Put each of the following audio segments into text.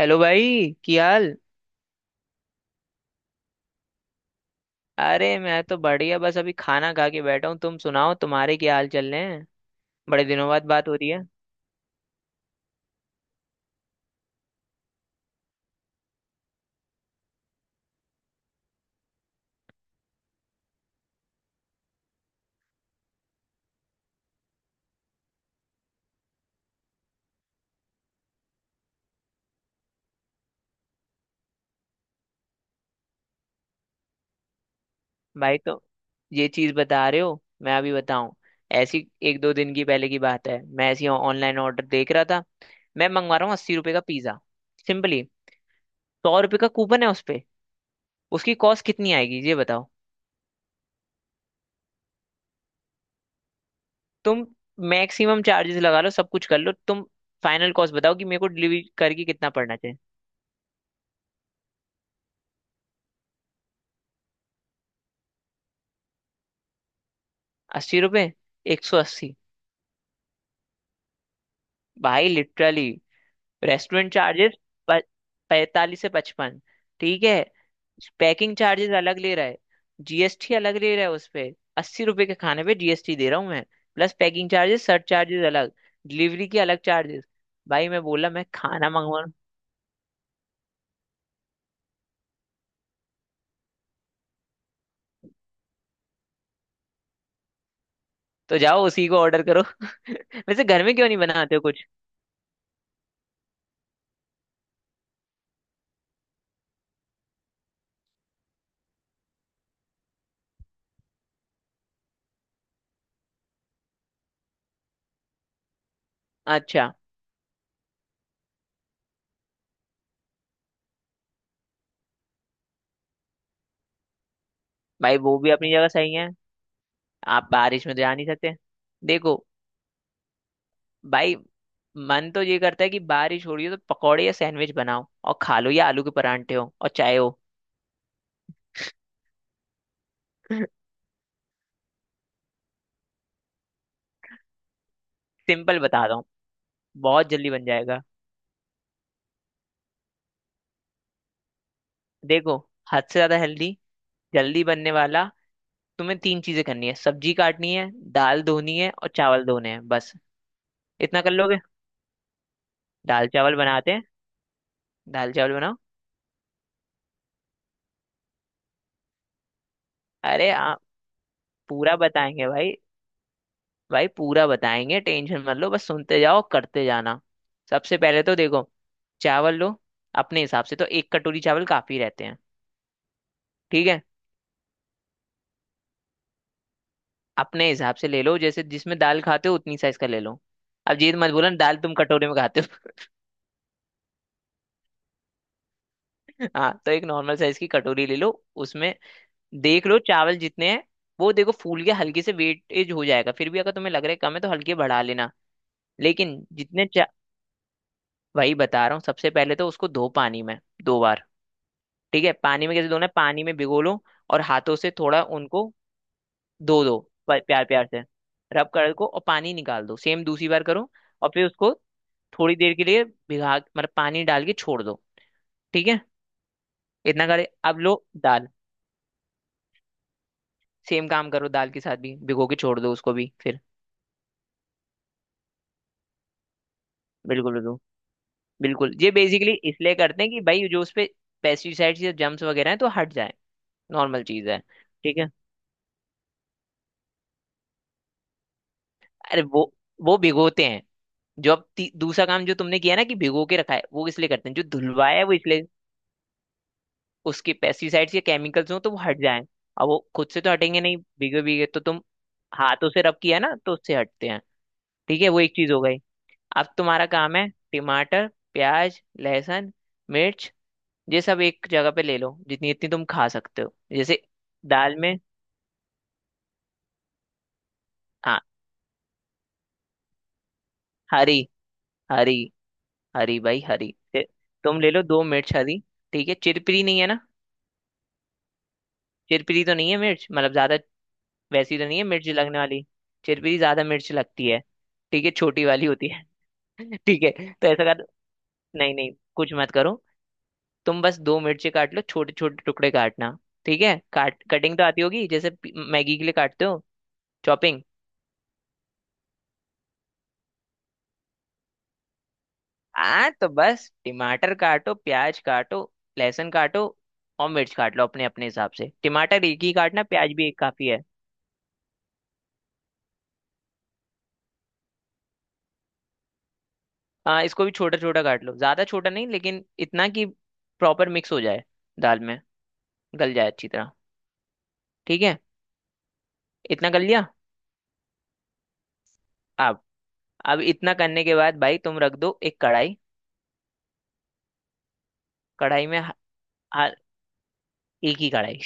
Hello भाई। की हाल? अरे मैं तो बढ़िया, बस अभी खाना खा के बैठा हूँ। तुम सुनाओ, तुम्हारे क्या हाल चल रहे हैं? बड़े दिनों बाद बात हो रही है। भाई, तो ये चीज बता रहे हो? मैं अभी बताऊं। ऐसी एक दो दिन की पहले की बात है, मैं ऐसी ऑनलाइन ऑर्डर देख रहा था। मैं मंगवा रहा हूँ 80 रुपये का पिज्जा, सिंपली। 100 रुपये का कूपन है उस पे। उसकी कॉस्ट कितनी आएगी ये बताओ। तुम मैक्सिमम चार्जेस लगा लो, सब कुछ कर लो तुम। फाइनल कॉस्ट बताओ कि मेरे को डिलीवरी करके कितना पड़ना चाहिए। 80 रुपये। 180? भाई लिटरली, रेस्टोरेंट चार्जेस 45 से 55, ठीक है। पैकिंग चार्जेस अलग ले रहा है, जीएसटी अलग ले रहा है उस पे। 80 रुपए के खाने पे जीएसटी दे रहा हूँ मैं। Plus packing charges, surge charges अलग। डिलीवरी के अलग चार्जेस। भाई, मैं बोला मैं खाना मंगवा। तो जाओ उसी को ऑर्डर करो। वैसे घर में क्यों नहीं बनाते हो कुछ? अच्छा। भाई, वो भी अपनी जगह सही है, आप बारिश में तो जा नहीं सकते। देखो भाई, मन तो ये करता है कि बारिश हो रही हो तो पकौड़े या सैंडविच बनाओ और खा लो, या आलू के परांठे हो और चाय हो। सिंपल बता रहा हूँ, बहुत जल्दी बन जाएगा। देखो, हद से ज्यादा हेल्दी, जल्दी बनने वाला। तुम्हें तीन चीजें करनी है: सब्जी काटनी है, दाल धोनी है और चावल धोने हैं, बस। इतना कर लोगे? दाल चावल बनाते हैं। दाल चावल बनाओ। अरे, पूरा बताएंगे भाई। भाई पूरा बताएंगे, टेंशन मत लो, बस सुनते जाओ, करते जाना। सबसे पहले तो देखो, चावल लो। अपने हिसाब से तो एक कटोरी चावल काफी रहते हैं। ठीक है, अपने हिसाब से ले लो, जैसे जिसमें दाल खाते हो उतनी साइज का ले लो। अब ये मत बोलना दाल तुम कटोरे में खाते हो। हाँ, तो एक नॉर्मल साइज की कटोरी ले लो, उसमें देख लो चावल जितने हैं। वो देखो, फूल के हल्के से वेटेज हो जाएगा, फिर भी अगर तुम्हें लग रहा है कम है तो हल्के बढ़ा लेना। लेकिन जितने चा वही बता रहा हूँ, सबसे पहले तो उसको धो पानी में, दो बार। ठीक है, पानी में कैसे धोना है? पानी में भिगो लो और हाथों से थोड़ा उनको, दो दो, प्यार प्यार से रब कर को, और पानी निकाल दो, सेम दूसरी बार करो। और फिर उसको थोड़ी देर के लिए भिगा, मतलब पानी डाल के छोड़ दो। ठीक है, इतना करे। अब लो दाल। सेम काम करो दाल के साथ भी, भिगो के छोड़ दो उसको भी फिर। बिल्कुल बिल्कुल। बिल्कुल, ये बेसिकली इसलिए करते हैं कि भाई जो उस पे पेस्टिसाइड्स या जम्स वगैरह हैं तो हट जाए। नॉर्मल चीज है। ठीक है। अरे, वो भिगोते हैं, जो अब दूसरा काम जो तुमने किया ना कि भिगो के रखा है, वो इसलिए करते हैं, जो धुलवाया है वो इसलिए। उसके पेस्टिसाइड्स या केमिकल्स हो तो वो हट जाएं। अब वो खुद से तो हटेंगे नहीं, भीगे भीगे तो तुम हाथों से रब किया ना, तो उससे हटते हैं। ठीक है, वो एक चीज हो गई। अब तुम्हारा काम है टमाटर, प्याज, लहसुन, मिर्च, ये सब एक जगह पे ले लो, जितनी इतनी तुम खा सकते हो, जैसे दाल में। हाँ, हरी। हरी। हरी भाई। हरी। तुम ले लो दो मिर्च हरी। ठीक है, चिरपिरी नहीं है ना? चिरपिरी तो नहीं है मिर्च, मतलब ज्यादा? वैसी तो नहीं है मिर्च लगने वाली? चिरपिरी ज्यादा मिर्च लगती है, ठीक है, छोटी वाली होती है। ठीक है, तो ऐसा कर, नहीं नहीं, कुछ मत करो। तुम बस दो मिर्ची काट लो, छोटे छोटे टुकड़े काटना। ठीक है, काट कटिंग तो आती होगी जैसे मैगी के लिए काटते हो, चॉपिंग। आ तो बस टमाटर काटो, प्याज काटो, लहसुन काटो और मिर्च काट लो अपने अपने हिसाब से। टमाटर एक ही काटना, प्याज भी एक काफी है। इसको भी छोटा छोटा काट लो, ज्यादा छोटा नहीं, लेकिन इतना कि प्रॉपर मिक्स हो जाए दाल में, गल जाए अच्छी तरह। ठीक है, इतना कर लिया। अब अब इतना करने के बाद भाई तुम रख दो एक कढ़ाई। कढ़ाई में, हाँ, एक ही कढ़ाई,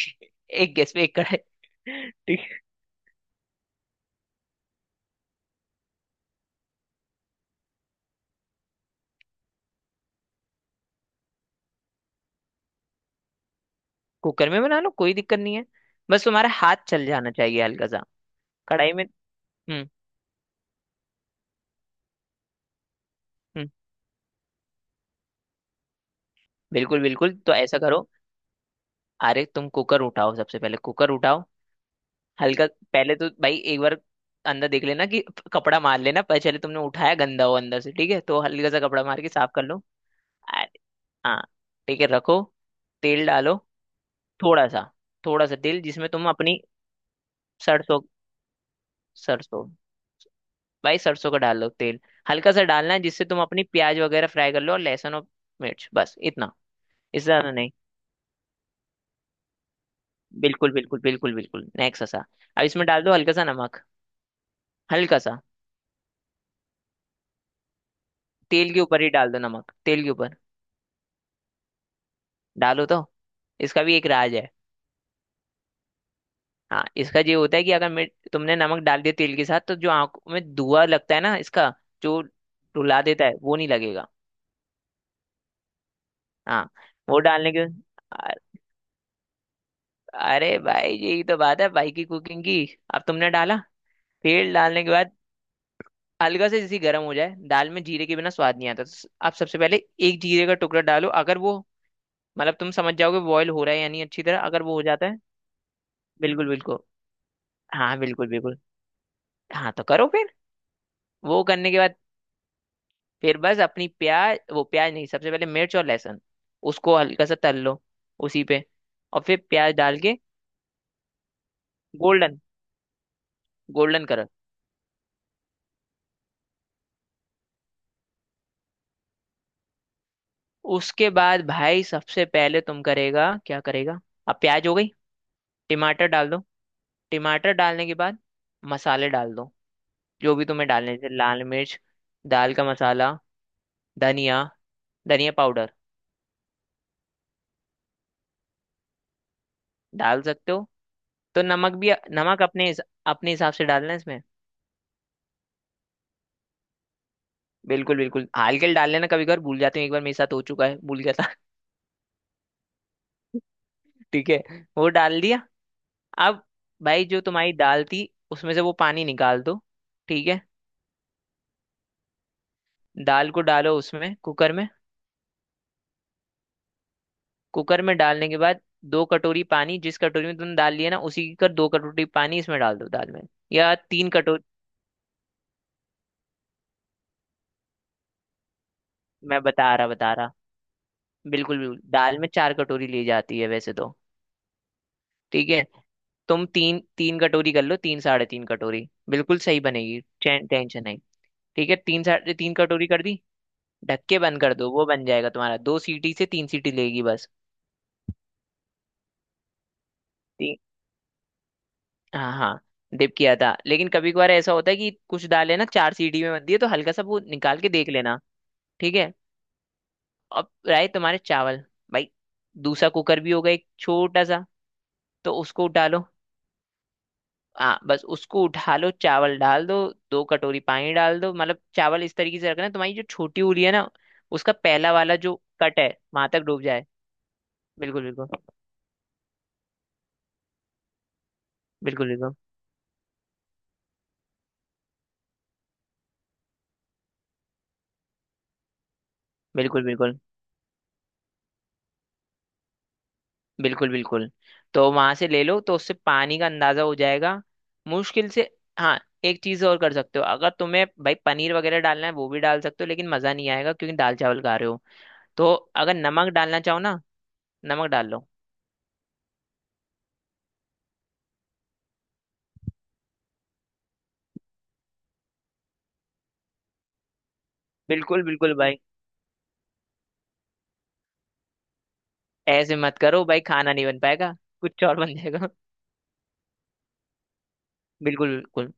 एक गैस पे एक कढ़ाई। ठीक है, कुकर में बना लो, कोई दिक्कत नहीं है, बस तुम्हारा हाथ चल जाना चाहिए हल्का सा कढ़ाई में। हम्म, हम्म। बिल्कुल बिल्कुल, तो ऐसा करो। अरे तुम कुकर उठाओ, सबसे पहले कुकर उठाओ। हल्का, पहले तो भाई एक बार अंदर देख लेना कि कपड़ा मार लेना पहले, चले तुमने उठाया गंदा हो अंदर से, ठीक है, तो हल्का सा कपड़ा मार के साफ कर लो। अरे, हाँ, ठीक है, रखो। तेल डालो, थोड़ा सा, थोड़ा सा तेल जिसमें तुम अपनी सरसों। सरसों, भाई सरसों का डाल लो तेल। हल्का सा डालना है जिससे तुम अपनी प्याज वगैरह फ्राई कर लो और लहसुन और मिर्च, बस इतना, इससे ज्यादा नहीं। बिल्कुल बिल्कुल, बिल्कुल बिल्कुल, नेक्स्ट सा। अब इसमें डाल दो हल्का सा नमक, हल्का सा। तेल के ऊपर ही डाल दो नमक, तेल के ऊपर डालो तो, इसका भी एक राज है। हाँ, इसका ये होता है कि अगर मिर्च तुमने नमक डाल दिया तेल के साथ, तो जो आंख में धुआं लगता है ना इसका, जो रुला देता है, वो नहीं लगेगा। हाँ। वो डालने के अ- अरे भाई, यही तो बात है भाई की कुकिंग की। अब तुमने डाला, तेल डालने के बाद हल्का से जैसे गर्म हो जाए, दाल में जीरे के बिना स्वाद नहीं आता, तो आप सबसे पहले एक जीरे का टुकड़ा डालो, अगर वो, मतलब तुम समझ जाओगे बॉयल हो रहा है या नहीं अच्छी तरह, अगर वो हो जाता है। बिल्कुल बिल्कुल। हाँ बिल्कुल बिल्कुल। हाँ तो करो फिर, वो करने के बाद फिर बस अपनी प्याज, वो प्याज नहीं, सबसे पहले मिर्च और लहसुन, उसको हल्का सा तल लो उसी पे। और फिर प्याज डाल के गोल्डन, गोल्डन कलर। उसके बाद भाई, सबसे पहले तुम करेगा, क्या करेगा, अब प्याज हो गई, टमाटर डाल दो। टमाटर डालने के बाद मसाले डाल दो, जो भी तुम्हें डालने जैसे लाल मिर्च, दाल का मसाला, धनिया धनिया पाउडर। डाल सकते हो, तो नमक भी। नमक अपने हिसाब से डालना है इसमें। बिल्कुल बिल्कुल, हल्के डाल लेना, कभी कभार भूल जाते हो, एक बार मेरे साथ हो चुका है, भूल गया था। ठीक है, वो डाल दिया। अब भाई, जो तुम्हारी दाल थी, उसमें से वो पानी निकाल दो। ठीक है, दाल को डालो उसमें, कुकर में। कुकर में डालने के बाद दो कटोरी पानी, जिस कटोरी में तुमने दाल लिया ना उसी की कर दो, कटोरी पानी इसमें डाल दो, दाल में, या तीन। मैं बता रहा। बिल्कुल बिल्कुल, दाल में चार कटोरी ली जाती है वैसे तो। ठीक है, तुम तीन तीन कटोरी कर लो, तीन साढ़े तीन कटोरी बिल्कुल सही बनेगी, चैन, टेंशन नहीं। ठीक है, तीन साढ़े तीन कटोरी कर दी, ढक के बंद कर दो, वो बन जाएगा तुम्हारा, दो सीटी से तीन सीटी लेगी बस। ती, हाँ हाँ, डिप किया था, लेकिन कभी कभार ऐसा होता है कि कुछ दाल है ना चार सीटी में बनती है, तो हल्का सा वो निकाल के देख लेना। ठीक है। अब रहे तुम्हारे चावल। भाई, दूसरा कुकर भी होगा एक छोटा सा, तो उसको डालो। हाँ, बस उसको उठा लो, चावल डाल दो, दो कटोरी पानी डाल दो। मतलब चावल इस तरीके से रखना, तुम्हारी जो छोटी उंगली है ना, उसका पहला वाला जो कट है, वहां तक डूब जाए। बिल्कुल बिल्कुल, बिल्कुल बिल्कुल, बिल्कुल बिल्कुल, बिल्कुल बिल्कुल। तो वहां से ले लो, तो उससे पानी का अंदाजा हो जाएगा मुश्किल से। हाँ, एक चीज और कर सकते हो, अगर तुम्हें भाई पनीर वगैरह डालना है वो भी डाल सकते हो, लेकिन मजा नहीं आएगा क्योंकि दाल चावल खा रहे हो। तो अगर नमक डालना चाहो ना, नमक डाल लो। बिल्कुल बिल्कुल भाई, ऐसे मत करो भाई, खाना नहीं बन पाएगा, कुछ और बन जाएगा। बिल्कुल बिल्कुल।